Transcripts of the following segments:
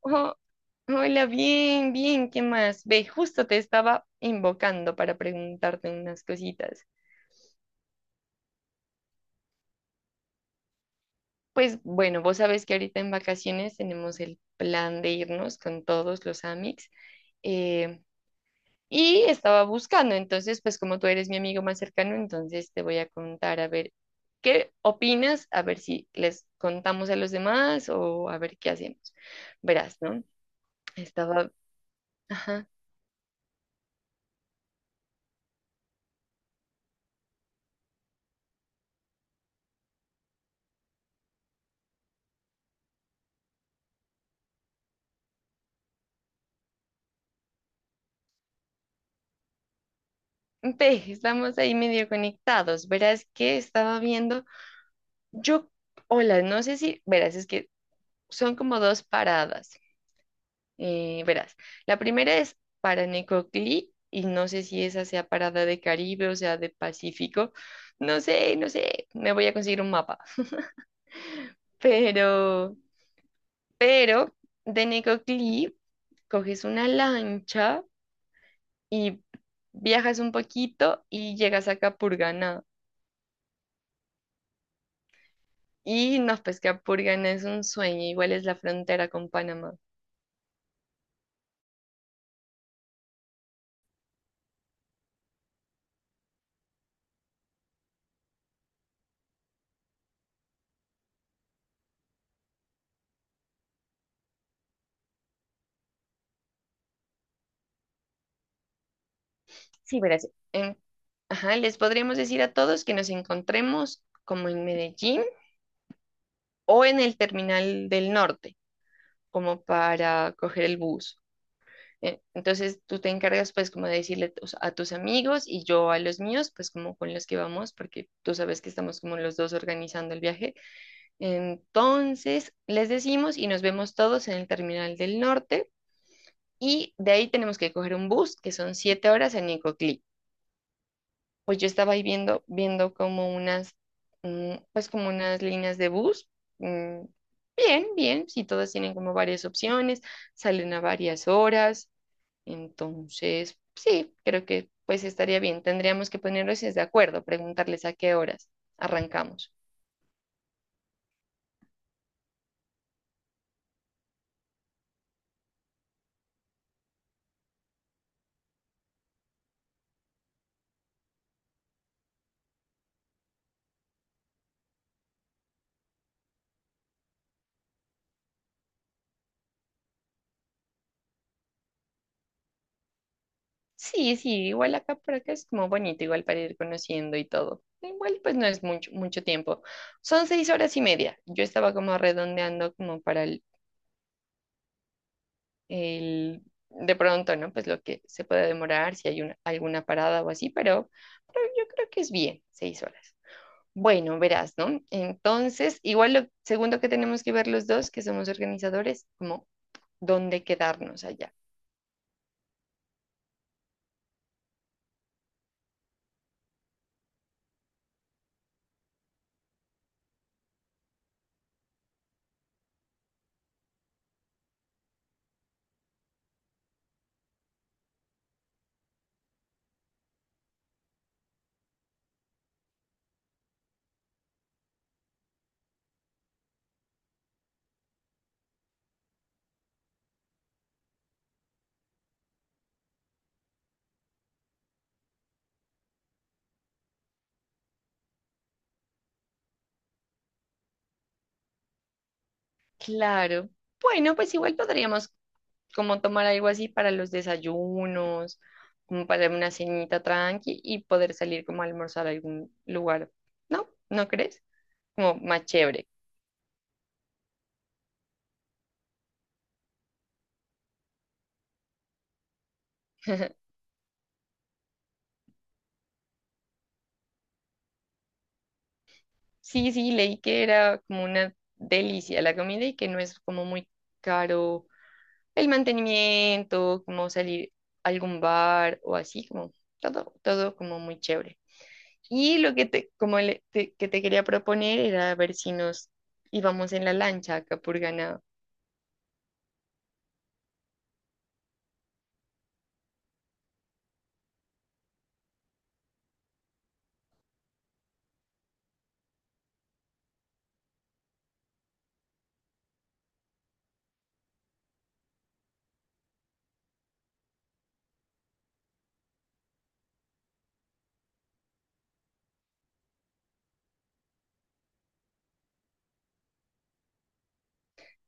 Oh, hola, bien, bien, ¿qué más? Ve, justo te estaba invocando para preguntarte unas cositas. Pues bueno, vos sabés que ahorita en vacaciones tenemos el plan de irnos con todos los amics eh, y estaba buscando, entonces pues como tú eres mi amigo más cercano, entonces te voy a contar a ver qué opinas, a ver si les contamos a los demás o a ver qué hacemos. Verás, ¿no? Estaba... ajá. Ve, estamos ahí medio conectados. Verás que estaba viendo, yo, hola, no sé si, verás, es que son como dos paradas. Verás, la primera es para Necoclí y no sé si esa sea parada de Caribe o sea de Pacífico. No sé, no sé, me voy a conseguir un mapa. Pero, pero de Necoclí coges una lancha y viajas un poquito y llegas a Capurganá. Y no, pues que Apurgan es un sueño, igual es la frontera con Panamá. Sí, verás. Ajá, les podríamos decir a todos que nos encontremos como en Medellín o en el terminal del norte, como para coger el bus. Entonces tú te encargas pues como de decirle a tus amigos y yo a los míos, pues como con los que vamos, porque tú sabes que estamos como los dos organizando el viaje. Entonces les decimos y nos vemos todos en el terminal del norte. Y de ahí tenemos que coger un bus, que son 7 horas en Nicoclí. Pues yo estaba ahí viendo como unas, pues como unas líneas de bus. mm, Bien, bien, si todas tienen como varias opciones, salen a varias horas. Entonces, sí, creo que pues estaría bien. Tendríamos que ponernos de acuerdo, preguntarles a qué horas arrancamos. Sí, sí, igual acá por acá es como bonito, igual para ir conociendo y todo. Igual pues no es mucho, mucho tiempo. Son 6 horas y media. Yo estaba como redondeando como para el- de pronto, ¿no? Pues lo que se puede demorar, si hay una, alguna parada o así, pero yo creo que es bien, 6 horas. Bueno, verás, ¿no? Entonces, igual lo segundo que tenemos que ver los dos, que somos organizadores, como dónde quedarnos allá. Claro. Bueno, pues igual podríamos como tomar algo así para los desayunos, como para una cenita tranqui y poder salir como a almorzar a algún lugar. ¿No? ¿No crees? Como más chévere. Sí, sí, leí que era como una delicia la comida y que no es como muy caro el mantenimiento, como salir a algún bar o así, como todo, todo como muy chévere. Y lo que te, que te quería proponer era ver si nos íbamos en la lancha a Capurganá.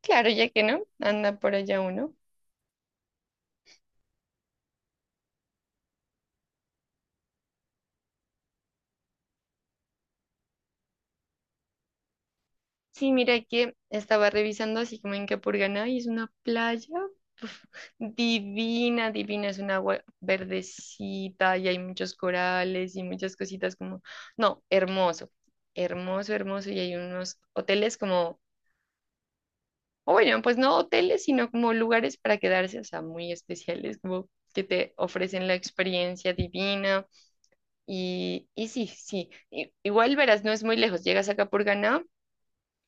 Claro, ya que no, anda por allá uno. Sí, mira que estaba revisando así como en Capurganá y es una playa divina, divina, es un agua verdecita y hay muchos corales y muchas cositas como, no, hermoso, hermoso, hermoso, y hay unos hoteles como, o bueno, pues no hoteles, sino como lugares para quedarse, o sea, muy especiales, como que te ofrecen la experiencia divina y sí, sí, igual verás, no es muy lejos, llegas a Capurganá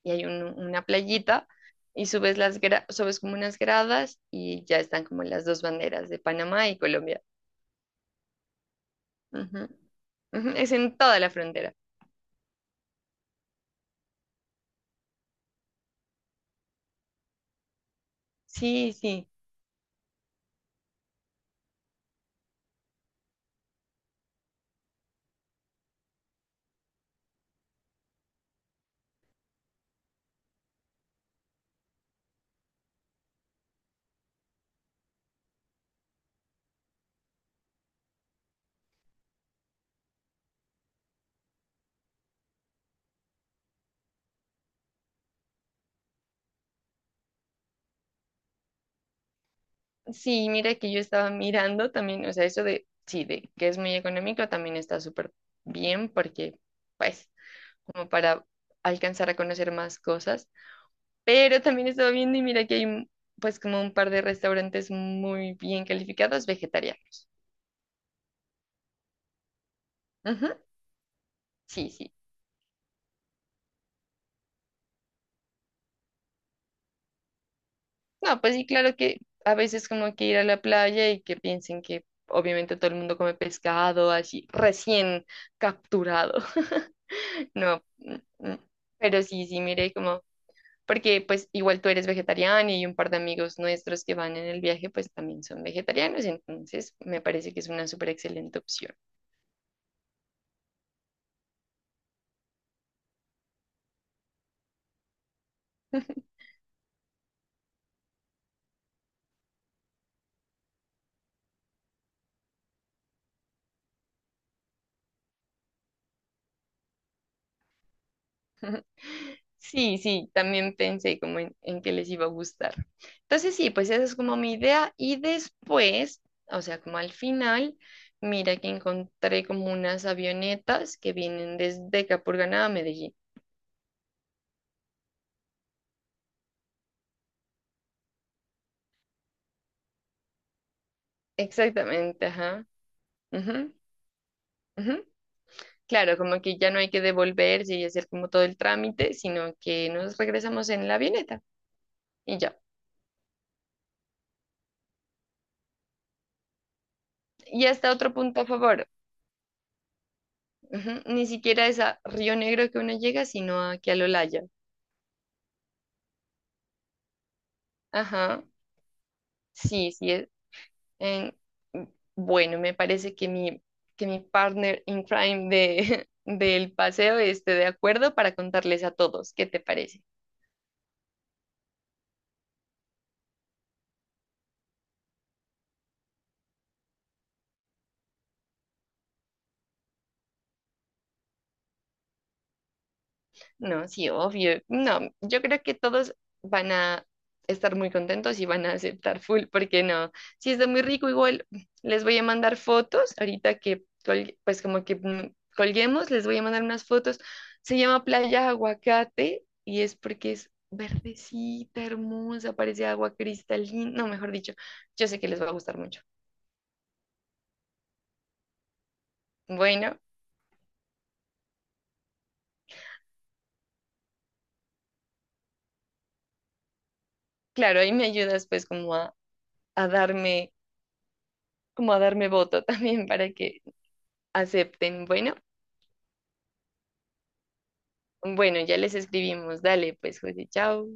y hay una playita y subes como unas gradas y ya están como las dos banderas de Panamá y Colombia. Ujú, ujú, es en toda la frontera. Sí, sí. Sí, mira que yo estaba mirando también, o sea, eso de, sí, de que es muy económico también está súper bien porque, pues, como para alcanzar a conocer más cosas, pero también estaba viendo y mira que pues, como un par de restaurantes muy bien calificados vegetarianos. Ujú, sí, sí. No, pues sí, claro que a veces como que ir a la playa y que piensen que obviamente todo el mundo come pescado así recién capturado. No. Mm. Pero sí, sí, mire como, porque pues igual tú eres vegetariana y un par de amigos nuestros que van en el viaje pues también son vegetarianos, entonces me parece que es una súper excelente opción. Sí, sí, también pensé como en que les iba a gustar. Entonces sí, pues esa es como mi idea. Y después, o sea, como al final, mira que encontré como unas avionetas que vienen desde Capurganá a Medellín. Exactamente, ajá. Ujú, ujú. Claro, como que ya no hay que devolverse y hacer como todo el trámite, sino que nos regresamos en la avioneta y ya. Y hasta otro punto a favor. Ujú, ni siquiera es a Río Negro que uno llega, sino aquí al Olaya. Ajá. Sí, sí, en- bueno, me parece que que mi partner in crime de, del paseo esté de acuerdo para contarles a todos. ¿Qué te parece? No, sí, obvio. No, yo creo que todos van a estar muy contentos y van a aceptar full, porque no, si está muy rico, igual les voy a mandar fotos, ahorita que, pues como que colguemos, les voy a mandar unas fotos. Se llama Playa Aguacate y es porque es verdecita, hermosa, parece agua cristalina, no, mejor dicho, yo sé que les va a gustar mucho. Bueno, claro, ahí me ayudas pues como a darme, como a darme voto también para que acepten. Bueno. Bueno, ya les escribimos. Dale, pues, José, chao.